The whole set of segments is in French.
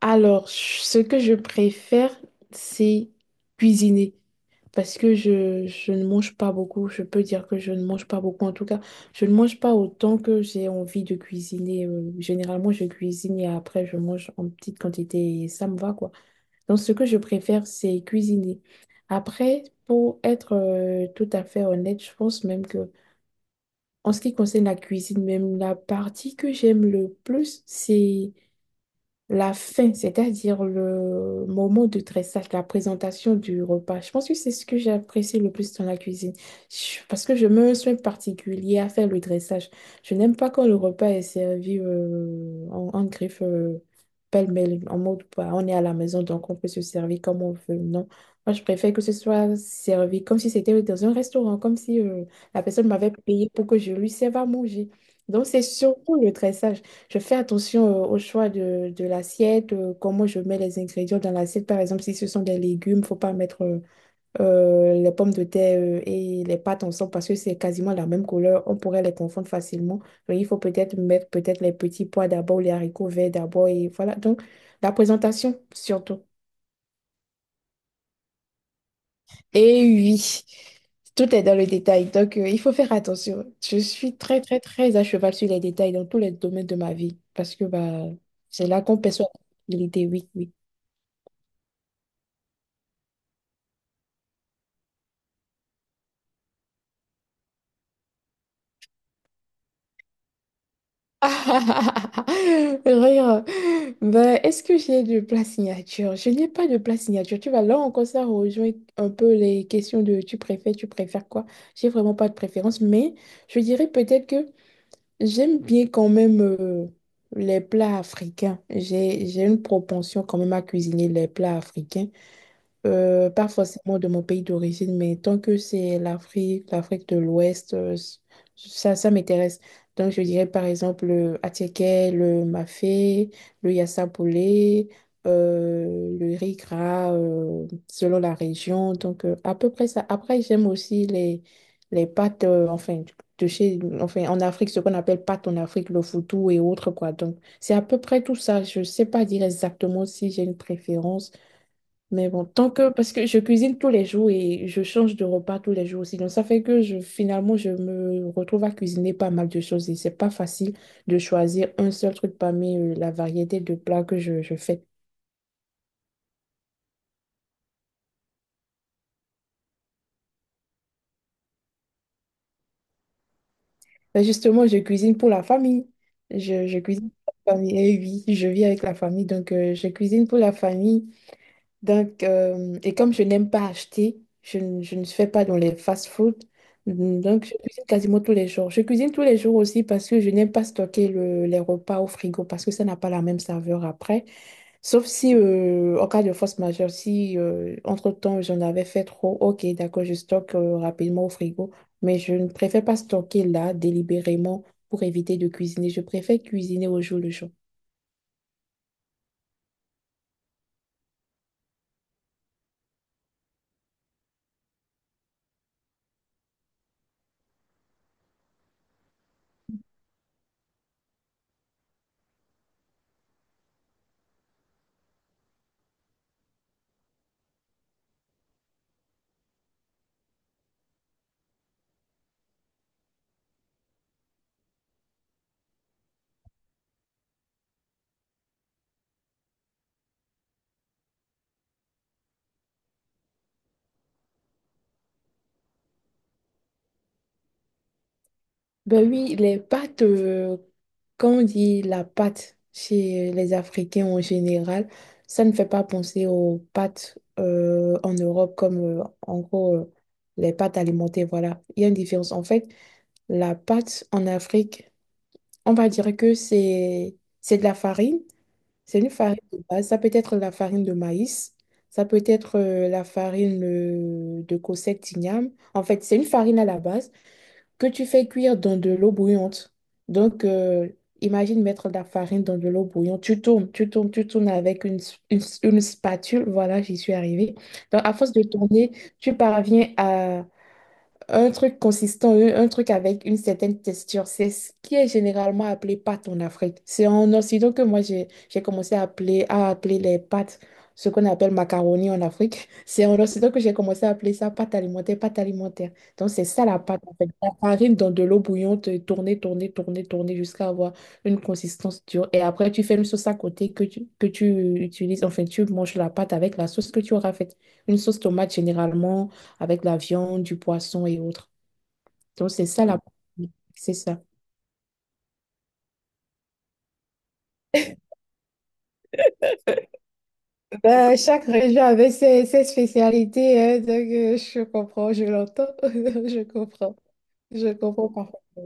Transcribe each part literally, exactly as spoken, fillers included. Alors, ce que je préfère, c'est cuisiner. Parce que je, je ne mange pas beaucoup. Je peux dire que je ne mange pas beaucoup. En tout cas, je ne mange pas autant que j'ai envie de cuisiner. Euh, Généralement, je cuisine et après, je mange en petite quantité et ça me va, quoi. Donc, ce que je préfère, c'est cuisiner. Après, pour être euh, tout à fait honnête, je pense même que en ce qui concerne la cuisine, même la partie que j'aime le plus, c'est la fin, c'est-à-dire le moment de dressage, la présentation du repas. Je pense que c'est ce que j'ai apprécié le plus dans la cuisine. Je- Parce que je me suis particulier à faire le dressage. Je n'aime pas quand le repas est servi euh, en, en griffe euh, pêle-mêle, en mode bah, on est à la maison donc on peut se servir comme on veut. Non, moi je préfère que ce soit servi comme si c'était dans un restaurant, comme si euh, la personne m'avait payé pour que je lui serve à manger. Donc c'est surtout le dressage. Je fais attention euh, au choix de, de l'assiette, euh, comment je mets les ingrédients dans l'assiette. Par exemple, si ce sont des légumes, faut pas mettre euh, euh, les pommes de terre euh, et les pâtes ensemble parce que c'est quasiment la même couleur. On pourrait les confondre facilement. Donc, il faut peut-être mettre peut-être les petits pois d'abord, les haricots verts d'abord et voilà. Donc, la présentation surtout. Et oui, tout est dans le détail. Donc, euh, il faut faire attention. Je suis très, très, très à cheval sur les détails dans tous les domaines de ma vie parce que bah, c'est là qu'on perçoit l'idée. Oui, oui. Rire. Ben, est-ce que j'ai du plat signature? Je n'ai pas de plat signature. Tu vas là encore, ça rejoint un peu les questions de tu préfères, tu préfères quoi? J'ai vraiment pas de préférence, mais je dirais peut-être que. J'aime bien quand même euh, les plats africains. J'ai, j'ai une propension quand même à cuisiner les plats africains. Euh, pas forcément de mon pays d'origine, mais tant que c'est l'Afrique, l'Afrique de l'Ouest, euh, s- ça, ça m'intéresse. Donc, je dirais par exemple le attiéké, le mafé, le yassapoulé, euh, le riz gras, euh, selon la région. Donc, euh, à peu près ça. Après, j'aime aussi les, les pâtes, euh, enfin, de chez, enfin, en Afrique, ce qu'on appelle pâtes en Afrique, le foutou et autres, quoi. Donc, c'est à peu près tout ça. Je sais pas dire exactement si j'ai une préférence. Mais bon, tant que, parce que je cuisine tous les jours et je change de repas tous les jours aussi. Donc, ça fait que je, finalement, je me retrouve à cuisiner pas mal de choses et c'est pas facile de choisir un seul truc parmi euh, la variété de plats que je, je fais. Mais justement, je cuisine pour la famille. Je, je cuisine pour la famille. Et oui, je vis avec la famille, donc euh, je cuisine pour la famille. Donc, euh, et comme je n'aime pas acheter, je, ne je ne fais pas dans les fast-food. Donc, je cuisine quasiment tous les jours. Je cuisine tous les jours aussi parce que je n'aime pas stocker le- les repas au frigo parce que ça n'a pas la même saveur après. Sauf si, euh, en cas de force majeure, si euh, entre-temps j'en avais fait trop, ok, d'accord, je stocke euh, rapidement au frigo. Mais je ne préfère pas stocker là délibérément pour éviter de cuisiner. Je préfère cuisiner au jour le jour. Ben oui, les pâtes, euh, quand on dit la pâte chez les Africains en général, ça ne fait pas penser aux pâtes euh, en Europe comme euh, en gros euh, les pâtes alimentées, voilà. Il y a une différence. En fait, la pâte en Afrique, on va dire que c'est c'est de la farine, c'est une farine de base. Ça peut être la farine de maïs, ça peut être euh, la farine euh, de cossette d'igname. En fait, c'est une farine à la base que tu fais cuire dans de l'eau bouillante. Donc, euh, imagine mettre de la farine dans de l'eau bouillante. Tu tournes, tu tournes, tu tournes avec une, s- une s- une spatule. Voilà, j'y suis arrivée. Donc, à force de tourner, tu parviens à un truc consistant, un un truc avec une certaine texture, c'est ce qui est généralement appelé pâte en Afrique. C'est en Occident que moi j'ai j'ai commencé à appeler, à appeler les pâtes, ce qu'on appelle macaroni en Afrique. C'est en Occident que j'ai commencé à appeler ça pâte alimentaire, pâte alimentaire. Donc c'est ça la pâte en fait. La farine dans de l'eau bouillante, tourner, tourner, tourner, tourner jusqu'à avoir une consistance dure. Et après tu fais une sauce à côté que tu, que tu utilises, enfin tu manges la pâte avec la sauce que tu auras faite. Une sauce tomate généralement avec la viande, du poisson et autres. Donc, c'est ça la... C'est ça. Ben, chaque région avait ses, ses spécialités, hein, donc euh, je comprends, je l'entends, je comprends, je comprends parfaitement.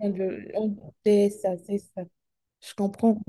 le- le- C'est ça, c'est ça. Je comprends.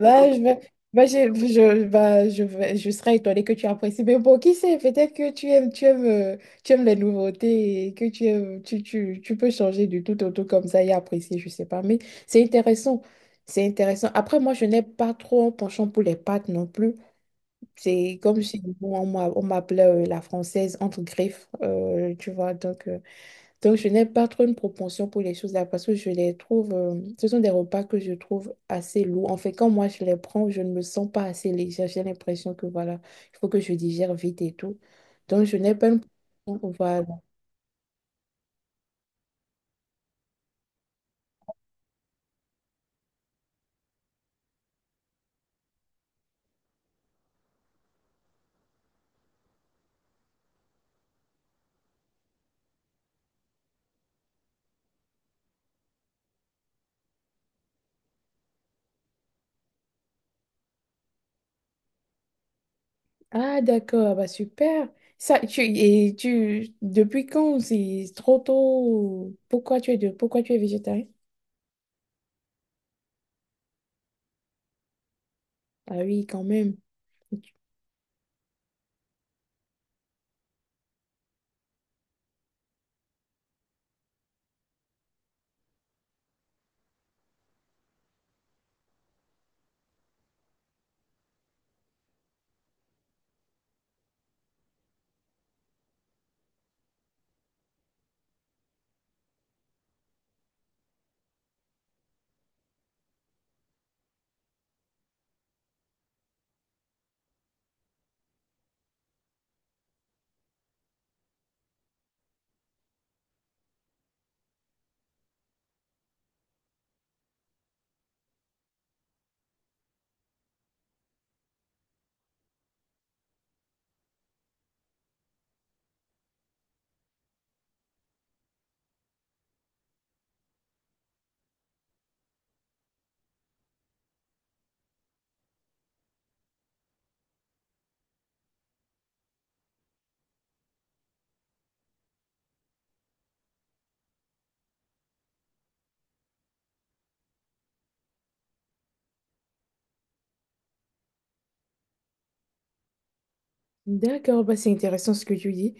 Bah, je, vais- bah, je, je, bah, je, vais- Je serais étonnée que tu apprécies. Mais bon, qui sait, peut-être que tu aimes, tu aimes, euh, tu aimes les nouveautés et que tu aimes, tu, tu, tu peux changer du tout au tout comme ça et apprécier, je sais pas. Mais c'est intéressant. C'est intéressant. Après, moi, je n'ai pas trop un penchant pour les pâtes non plus. C'est comme si bon, on m'a- on m'appelait euh, la française entre griffes, euh, tu vois. Donc, euh, donc, je n'ai pas trop une propension pour les choses-là parce que je les trouve, euh, ce sont des repas que je trouve assez lourds. En fait, quand moi je les prends, je ne me sens pas assez légère. J'ai l'impression que voilà, il faut que je digère vite et tout. Donc, je n'ai pas une propension. Voilà. Ah, d'accord. Ah, bah super. Ça, tu, et tu, depuis quand c'est trop tôt? Pourquoi tu es de, pourquoi tu es végétarien? Ah oui, quand même. D'accord, bah c'est intéressant ce que tu dis.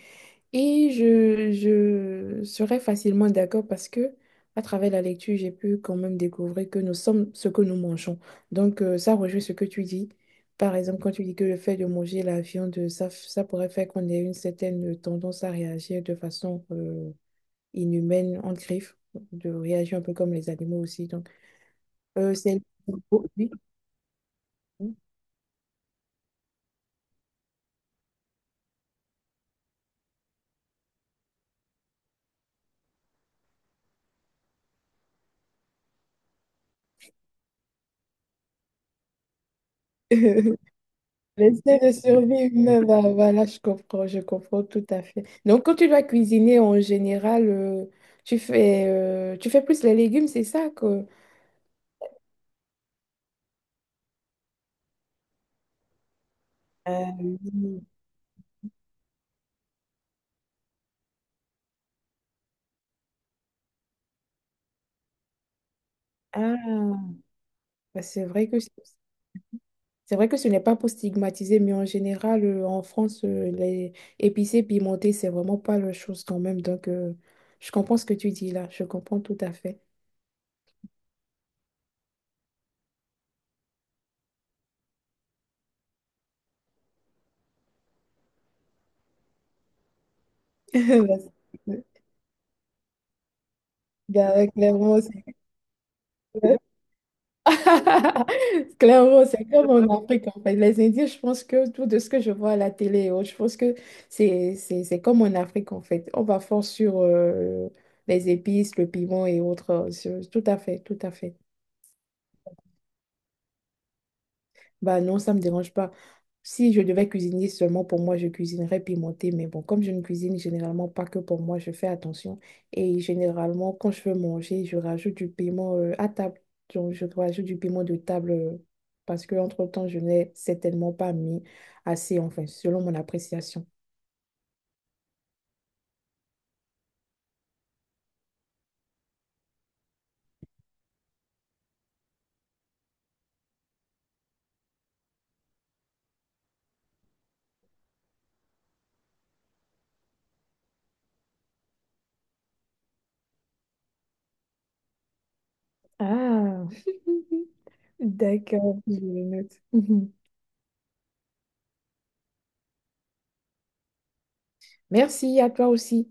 Et je, je serais facilement d'accord parce que à travers la lecture, j'ai pu quand même découvrir que nous sommes ce que nous mangeons. Donc, euh, ça rejoint ce que tu dis. Par exemple, quand tu dis que le fait de manger la viande, ça, f- ça pourrait faire qu'on ait une certaine tendance à réagir de façon euh, inhumaine, en griffe, de réagir un peu comme les animaux aussi. Donc, euh, c'est... Oui. L'essai de survivre humaine, bah, voilà, je comprends, je comprends tout à fait. Donc, quand tu dois cuisiner en général, euh, tu fais, euh, tu fais plus les légumes, c'est ça que... Euh, oui. Ah, bah, c'est vrai que c'est vrai que ce n'est pas pour stigmatiser, mais en général, euh, en France, euh, les épicés pimentés, c'est vraiment pas la chose quand même. Donc, euh, je comprends ce que tu dis là, je comprends tout à fait. Bah, c'est- bah, Clairement, c'est clairement, c'est comme en Afrique, en fait. Les Indiens, je pense que tout de ce que je vois à la télé, oh, je pense que c'est, c'est, c'est comme en Afrique, en fait. On va fort sur euh, les épices, le piment et autres. euh, sur- Tout à fait, tout à fait. Bah non, ça me dérange pas. Si je devais cuisiner seulement pour moi, je cuisinerais pimenté. Mais bon, comme je ne cuisine généralement pas que pour moi, je fais attention. Et généralement, quand je veux manger, je rajoute du piment euh, à table. Donc, je rajoute du piment de table euh, parce que entre-temps, je n'ai certainement pas mis assez, enfin, selon mon appréciation. Ah, d'accord, je le note. Mhm. Merci à toi aussi.